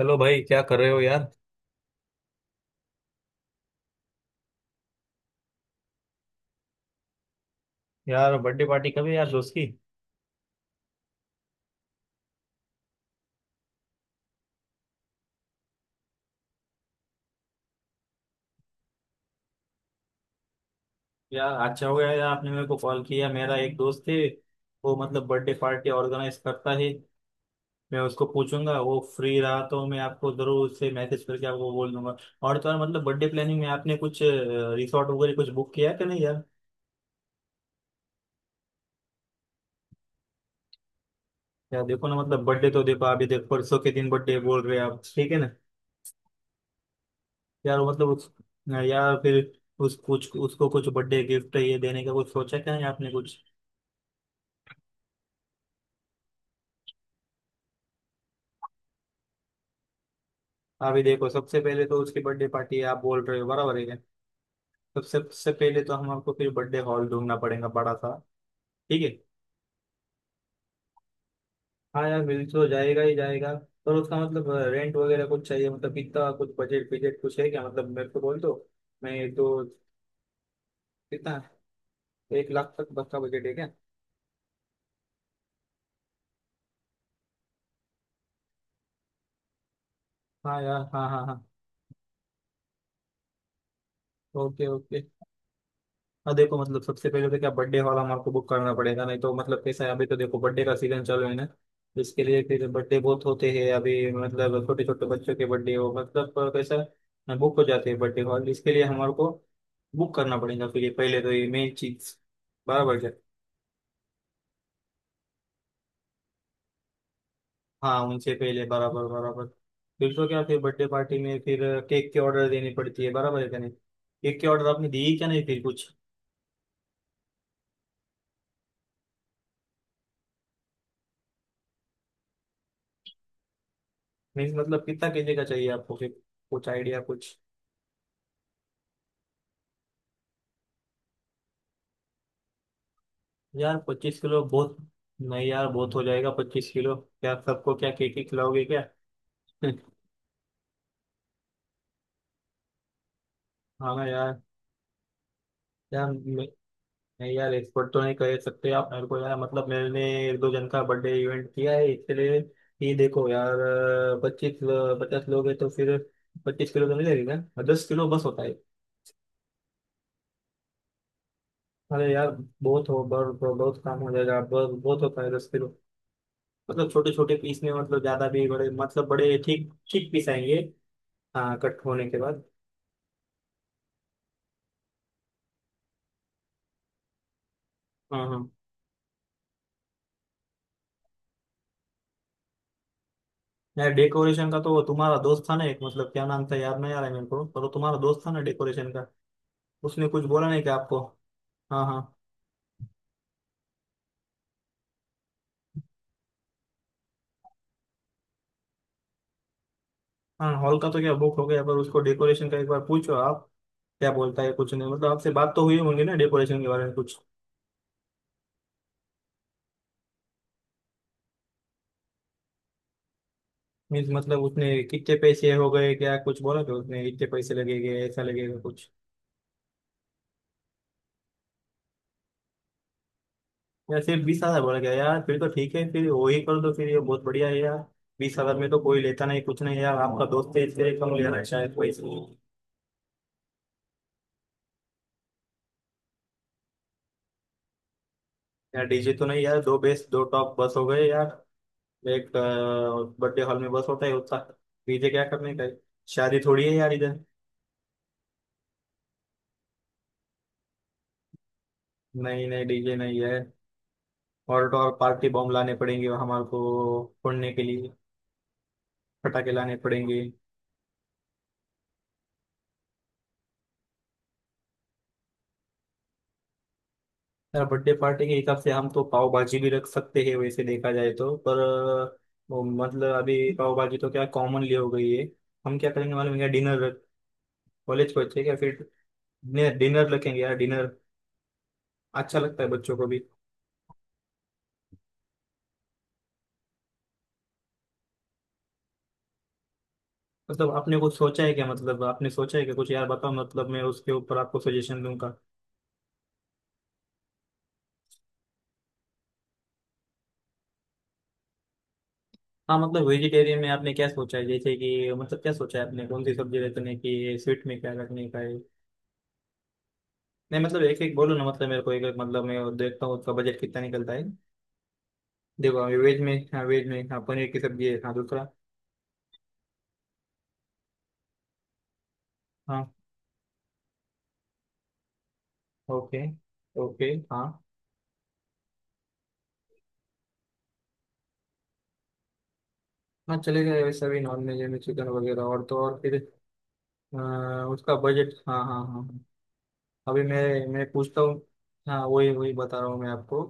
Hello भाई, क्या कर रहे हो यार। यार, बर्थडे पार्टी कभी यार दोस्त की। यार अच्छा हो गया यार आपने मेरे को कॉल किया। मेरा एक दोस्त है, वो बर्थडे पार्टी ऑर्गेनाइज करता है। मैं उसको पूछूंगा, वो फ्री रहा तो मैं आपको जरूर उससे मैसेज करके आपको बोल दूंगा। और तो और मतलब बर्थडे प्लानिंग में आपने कुछ रिसोर्ट वगैरह कुछ बुक किया है कि नहीं यार? यार देखो ना, मतलब बर्थडे तो देखो, अभी देखो परसों के दिन बर्थडे बोल रहे हैं आप, ठीक है ना। यार वो मतलब उस यार फिर उस कुछ उसको कुछ बर्थडे गिफ्ट ये देने का कुछ सोचा क्या नहीं आपने कुछ? अभी देखो, सबसे पहले तो उसकी बर्थडे पार्टी है आप बोल रहे हो, बराबर है क्या? सबसे सबसे पहले तो हम आपको फिर बर्थडे हॉल ढूंढना पड़ेगा बड़ा सा। ठीक है। हाँ यार, मिल तो जाएगा ही जाएगा। पर उसका मतलब रेंट वगैरह कुछ चाहिए, मतलब कितना कुछ बजट बजट कुछ है क्या, मतलब मेरे को बोल दो। मैं तो कितना? 1,00,000 तक बस का बजट है क्या? हाँ यार, हाँ हाँ हाँ। Okay okay. हाँ देखो, मतलब सबसे पहले तो क्या बर्थडे वाला हमारे को बुक करना पड़ेगा, नहीं तो मतलब कैसा है, अभी तो देखो बर्थडे का सीजन चल रहा है ना, तो इसके लिए फिर बर्थडे बहुत होते हैं अभी, मतलब छोटे छोटे बच्चों के बर्थडे हो, मतलब कैसा बुक हो जाते हैं बर्थडे हॉल, इसके लिए हमारे को बुक करना पड़ेगा। फिर ये पहले तो ये मेन चीज। बराबर है। हाँ उनसे पहले, बराबर बराबर। फिर तो क्या, फिर बर्थडे पार्टी में फिर केक के ऑर्डर देनी पड़ती है, बराबर है क्या? नहीं, केक के ऑर्डर आपने दी क्या नहीं फिर कुछ? मीन्स मतलब कितना केजी का चाहिए आपको फिर, कुछ आइडिया कुछ? यार 25 किलो बहुत। नहीं यार, बहुत हो जाएगा 25 किलो। क्या सबको क्या केक ही खिलाओगे क्या? हाँ ना यार। यार मैं- नहीं यार, एक्सपर्ट तो नहीं कर सकते आप मेरे को यार, मतलब मैंने एक दो जन का बर्थडे इवेंट किया है इसलिए। ये देखो यार, पच्चीस पचास लोग हैं तो फिर 25 किलो तो नहीं लगेगा, 10 किलो बस होता है। अरे यार, बहुत काम हो जाएगा, बहुत बहुत होता है 10 किलो। मतलब छोटे छोटे पीस में, मतलब ज्यादा भी बड़े मतलब बड़े ठीक ठीक पीस आएंगे। हाँ कट होने के बाद। हाँ हाँ, यार डेकोरेशन का तो वो तुम्हारा दोस्त था ना एक, मतलब क्या नाम था याद नहीं आ रहा है मेरे को, पर वो तुम्हारा दोस्त था ना डेकोरेशन का। उसने कुछ बोला नहीं क्या आपको? हाँ हाँ। हाँ हॉल का तो क्या बुक हो गया, पर उसको डेकोरेशन का एक बार पूछो आप, क्या बोलता है कुछ? नहीं मतलब आपसे बात तो हुई होंगी ना डेकोरेशन के बारे में कुछ? मीन्स मतलब उसने कितने पैसे हो गए क्या कुछ बोला क्या, उसने इतने पैसे लगेंगे ऐसा लगेगा कुछ? या सिर्फ 20,000 बोला क्या यार? फिर तो ठीक है, फिर वही कर दो, फिर ये बहुत बढ़िया है यार। बीस हजार में तो कोई लेता नहीं कुछ नहीं, यार आपका दोस्त है इसलिए कम ले रहा है शायद पैसे। यार डीजे तो नहीं यार, दो बेस दो टॉप बस हो गए यार। एक बर्थडे हॉल में बस होता है उतना, डीजे क्या करने का है? शादी थोड़ी है यार इधर। नहीं नहीं, डीजे नहीं है। और तो और पार्टी बॉम्ब लाने पड़ेंगे हमारे को फोड़ने के लिए। पटाखे लाने पड़ेंगे। यार बर्थडे पार्टी के हिसाब से हम तो पाव भाजी भी रख सकते हैं, वैसे देखा जाए तो, पर वो मतलब अभी पाव भाजी तो क्या कॉमनली हो गई है। हम क्या करेंगे मालूम है क्या, डिनर रख। कॉलेज को अच्छे क्या फिर, डिनर रखेंगे यार, डिनर अच्छा लगता है बच्चों को भी। मतलब आपने कुछ सोचा है क्या, मतलब आपने सोचा है कि कुछ यार बताओ, मतलब मैं उसके ऊपर आपको सजेशन दूंगा। हाँ मतलब वेजिटेरियन में आपने क्या सोचा है, जैसे कि मतलब क्या सोचा है आपने, कौन सी सब्जी रखने की है, स्वीट में क्या रखने का है? नहीं मतलब एक एक बोलो ना, मतलब मेरे को एक एक, मतलब मैं देखता हूँ उसका बजट कितना निकलता है। देखो अभी वेज में, हाँ वेज में, हाँ पनीर की सब्जी है, हाँ दूसरा? हाँ ओके ओके। हाँ हाँ, चलेगा वैसा भी, नॉन वेज में चिकन वगैरह। और तो और फिर अ, उसका बजट, हाँ हाँ हाँ, अभी मैं पूछता हूँ। हाँ वही वही बता रहा हूँ मैं आपको।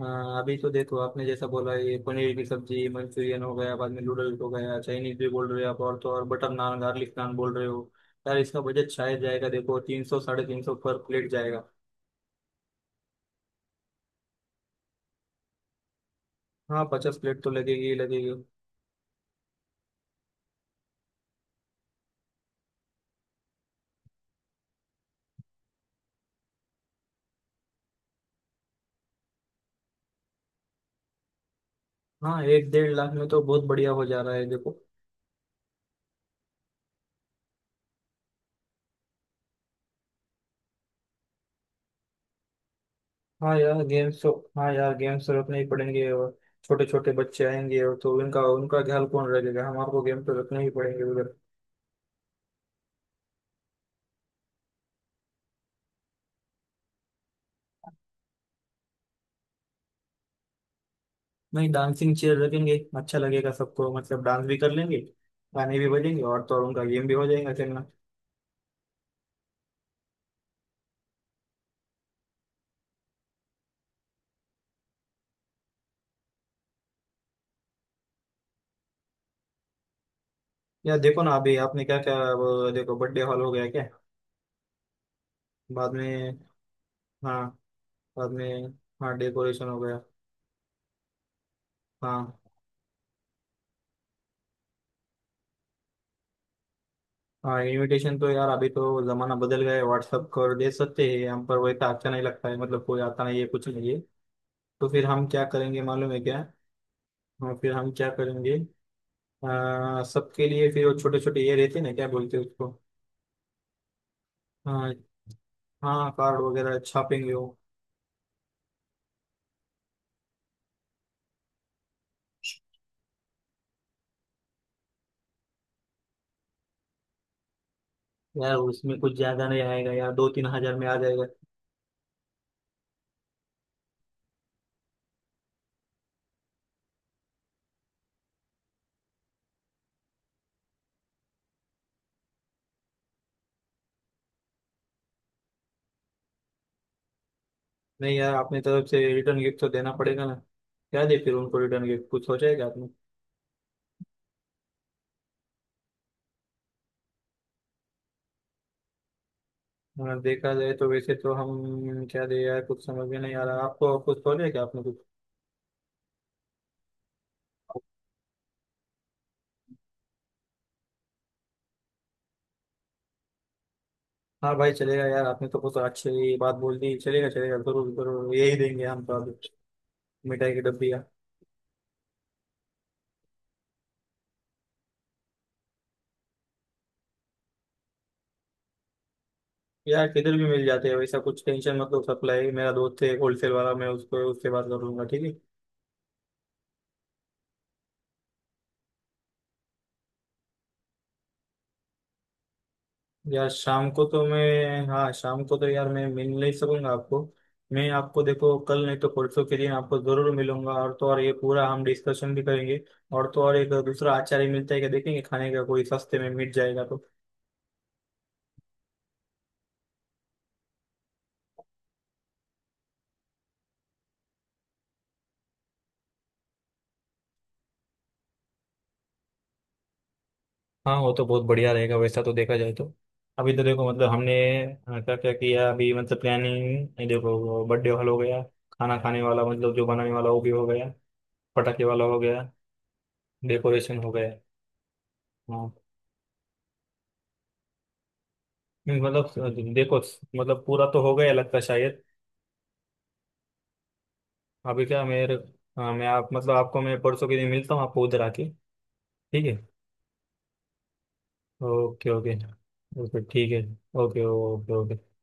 हाँ, अभी तो देखो, आपने जैसा बोला, ये पनीर की सब्जी, मंचूरियन हो गया, बाद में नूडल्स हो गया, चाइनीज भी बोल रहे हो आप, और तो और बटर नान गार्लिक नान बोल रहे हो। यार इसका बजट शायद जाएगा, देखो 300 350 पर प्लेट जाएगा। हाँ 50 प्लेट तो लगेगी ही लगेगी। हाँ, एक 1,50,000 में तो बहुत बढ़िया हो जा रहा है देखो। हाँ यार गेम्स तो, हाँ यार गेम्स तो रखने ही पड़ेंगे। और छोटे छोटे बच्चे आएंगे और तो उनका उनका ख्याल कौन रखेगा, हमारे को गेम तो रखने ही पड़ेंगे उधर। नहीं, डांसिंग चेयर रखेंगे अच्छा लगेगा सबको, मतलब डांस भी कर लेंगे, गाने भी बजेंगे, और तो और उनका गेम भी हो जाएगा खेलना। यार देखो ना, अभी आपने क्या क्या वो, देखो बर्थडे हॉल हो गया क्या? बाद में, हाँ, बाद में, हाँ डेकोरेशन हो गया। हाँ हाँ, इनविटेशन तो यार अभी तो जमाना बदल गया है, व्हाट्सअप कर दे सकते हैं हम, पर वैसा अच्छा नहीं लगता है, मतलब कोई आता नहीं है कुछ नहीं है। तो फिर हम क्या करेंगे मालूम है क्या? हाँ फिर हम क्या करेंगे, सबके लिए फिर वो छोटे छोटे ये रहते हैं ना, क्या बोलते हैं उसको? हाँ, हाँ कार्ड वगैरह छापेंगे वो। यार उसमें कुछ ज्यादा नहीं आएगा यार, दो तीन हजार में आ जाएगा। नहीं यार, अपनी तरफ से रिटर्न गिफ्ट तो देना पड़ेगा ना। क्या दे फिर उनको रिटर्न गिफ्ट, कुछ हो जाएगा आपने? हाँ, देखा जाए तो, वैसे तो हम क्या दे यार, कुछ समझ में नहीं आ रहा, आपको कुछ हो जाएगा आपने कुछ? हाँ भाई चलेगा यार, आपने तो कुछ अच्छी बात बोल दी, चलेगा चलेगा जरूर जरूर, यही देंगे हम तो अभी, मिठाई की डब्बी यार। यार किधर भी मिल जाते हैं वैसा कुछ, टेंशन मतलब सप्लाई, मेरा दोस्त है एक होलसेल वाला, मैं उसको उससे बात कर लूंगा, ठीक है। यार शाम को तो मैं, हाँ शाम को तो यार मैं मिल नहीं सकूंगा आपको। मैं आपको देखो कल नहीं तो परसों के दिन आपको जरूर मिलूंगा, और तो और ये पूरा हम डिस्कशन भी करेंगे। और तो और एक दूसरा आचार्य मिलता है क्या देखेंगे, खाने का कोई सस्ते में मिल जाएगा तो। हाँ वो तो बहुत बढ़िया रहेगा वैसा, तो देखा जाए तो। अभी तो देखो मतलब हमने क्या क्या किया अभी, मतलब प्लानिंग देखो, बर्थडे हॉल हो गया, खाना खाने वाला मतलब जो बनाने वाला वो भी हो गया, पटाखे वाला हो गया, डेकोरेशन हो गया। नहीं मतलब देखो, मतलब पूरा तो हो गया लगता है शायद। अभी क्या मेरे, हाँ, मैं आप मतलब आपको मैं परसों के दिन मिलता हूँ आपको उधर आके, ठीक है। Okay okay. ओके ठीक है। Okay okay okay.